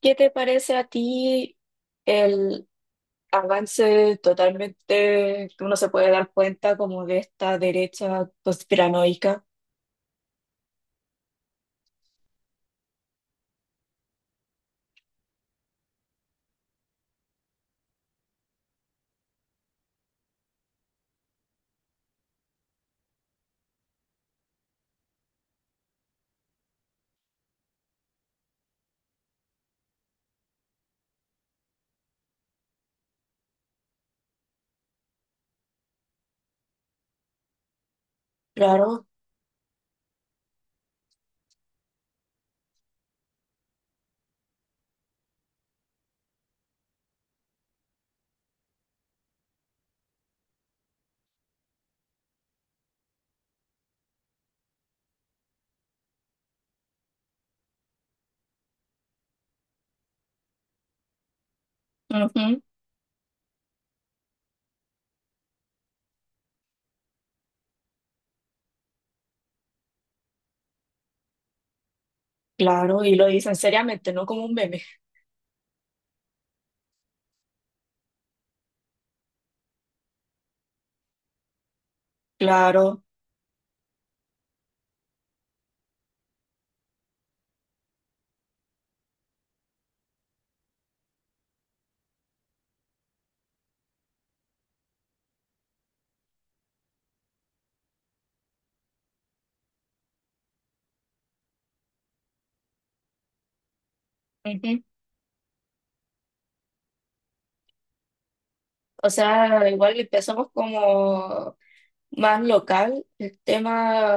¿Qué te parece a ti el avance totalmente que uno se puede dar cuenta como de esta derecha conspiranoica? Claro. Ujú. Claro, y lo dicen seriamente, no como un meme. Claro. Ujú. O sea, igual empezamos como más local el tema.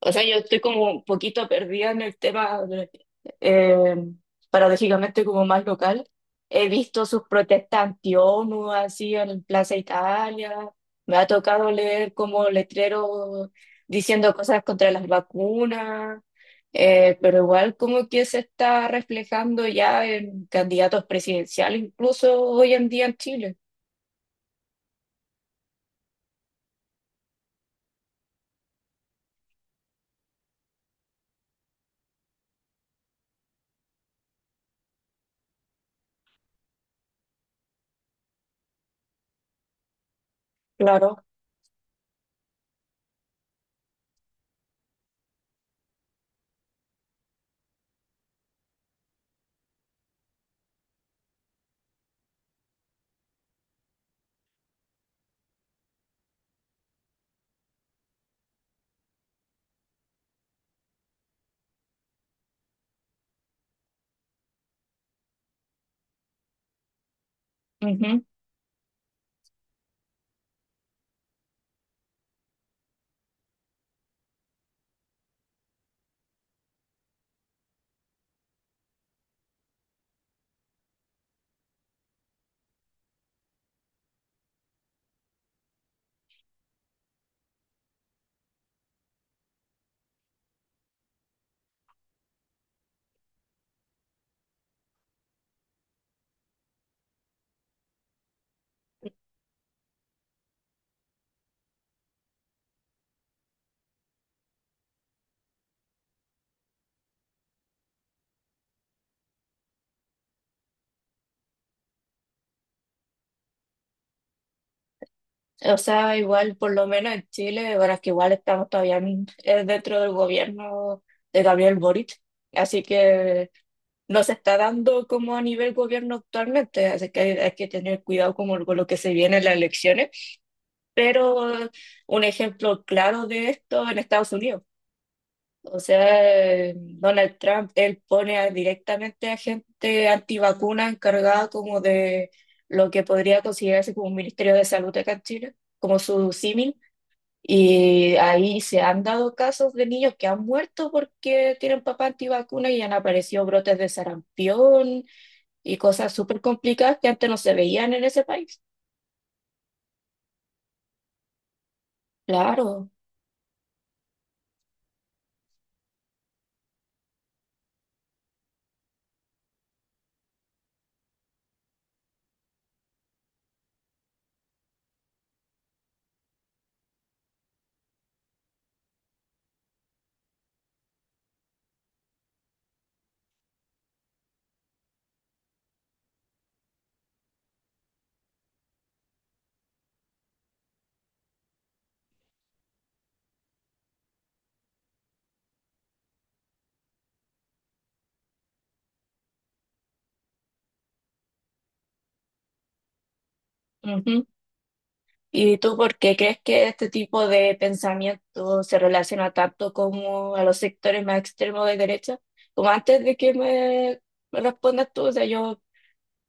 O sea, yo estoy como un poquito perdida en el tema eh, paradójicamente como más local. He visto sus protestas anti-ONU así en Plaza Italia. Me ha tocado leer como letreros diciendo cosas contra las vacunas. Pero igual como que se está reflejando ya en candidatos presidenciales, incluso hoy en día en Chile. Claro. O sea, igual, por lo menos en Chile, bueno, es que igual estamos todavía dentro del gobierno de Gabriel Boric, así que no se está dando como a nivel gobierno actualmente, así que hay que tener cuidado como con lo que se viene en las elecciones. Pero un ejemplo claro de esto en Estados Unidos. O sea, Donald Trump, él pone directamente a gente antivacuna encargada como de lo que podría considerarse como un Ministerio de Salud acá en Chile, como su símil, y ahí se han dado casos de niños que han muerto porque tienen papá antivacuna y han aparecido brotes de sarampión y cosas súper complicadas que antes no se veían en ese país. Claro. Ujú. ¿Y tú por qué crees que este tipo de pensamiento se relaciona tanto como a los sectores más extremos de derecha? Como antes de que me respondas tú, o sea, yo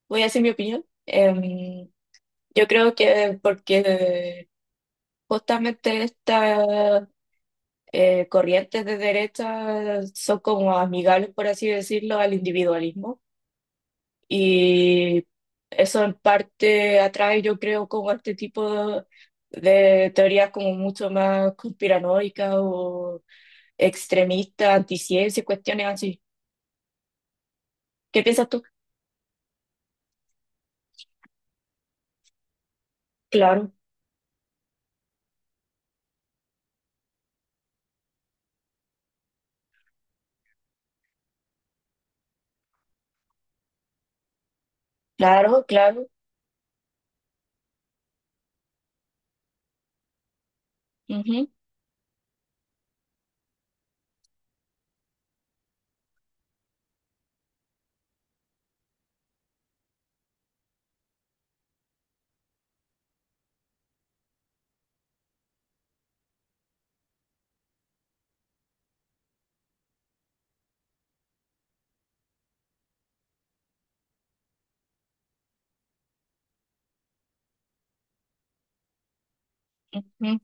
voy a decir mi opinión. Yo creo que porque justamente esta corrientes de derecha son como amigables, por así decirlo, al individualismo. Y eso en parte atrae, yo creo, como este tipo de teorías como mucho más conspiranoicas o extremistas, anticiencia, cuestiones así. ¿Qué piensas tú? Claro, claro, claro. Ujú, ujú,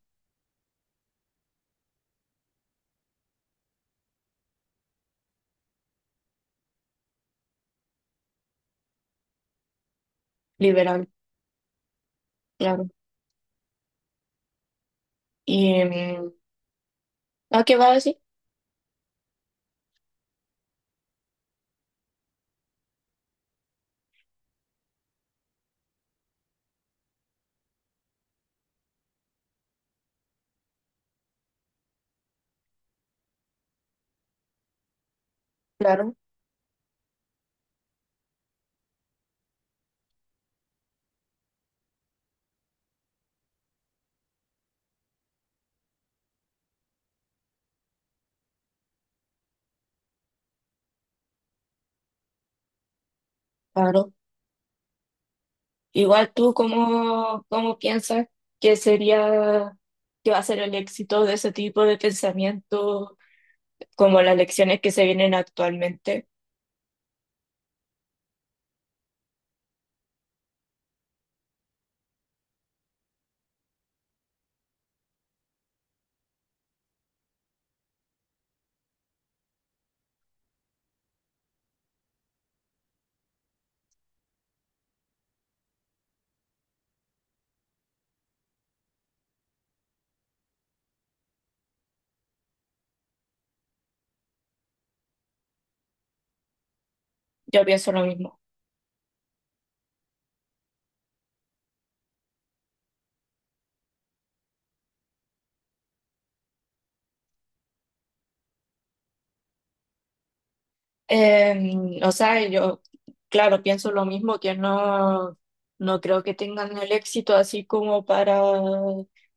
liberal, claro. Y, ¿a qué va a decir? Claro, claro. Igual tú, ¿cómo, cómo piensas que sería, que va a ser el éxito de ese tipo de pensamiento, como las lecciones que se vienen actualmente? Yo pienso lo mismo. O sea, yo, claro, pienso lo mismo, que no, no creo que tengan el éxito así como para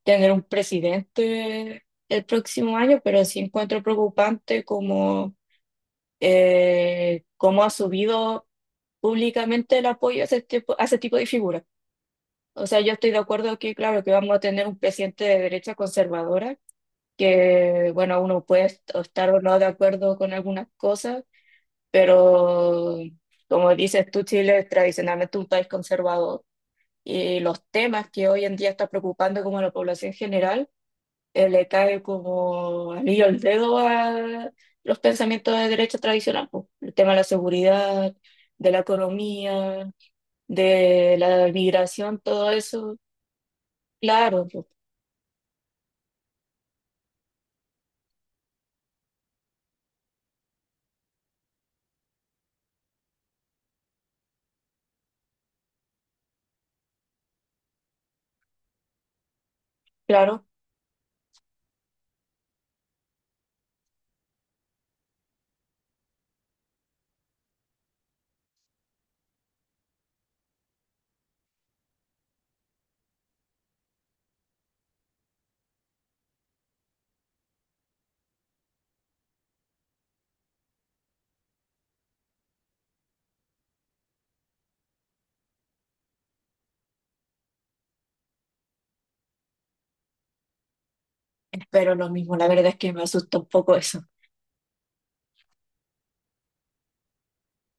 tener un presidente el próximo año, pero sí encuentro preocupante cómo ha subido públicamente el apoyo a ese tipo de figuras. O sea, yo estoy de acuerdo que, claro, que vamos a tener un presidente de derecha conservadora, que, bueno, uno puede o estar o no de acuerdo con algunas cosas, pero como dices tú, Chile es tradicionalmente un país conservador y los temas que hoy en día está preocupando como a la población general, le cae como anillo al dedo a los pensamientos de derecha tradicional, pues, el tema de la seguridad, de la economía, de la migración, todo eso, claro, pues, claro, espero lo mismo, la verdad es que me asusta un poco eso.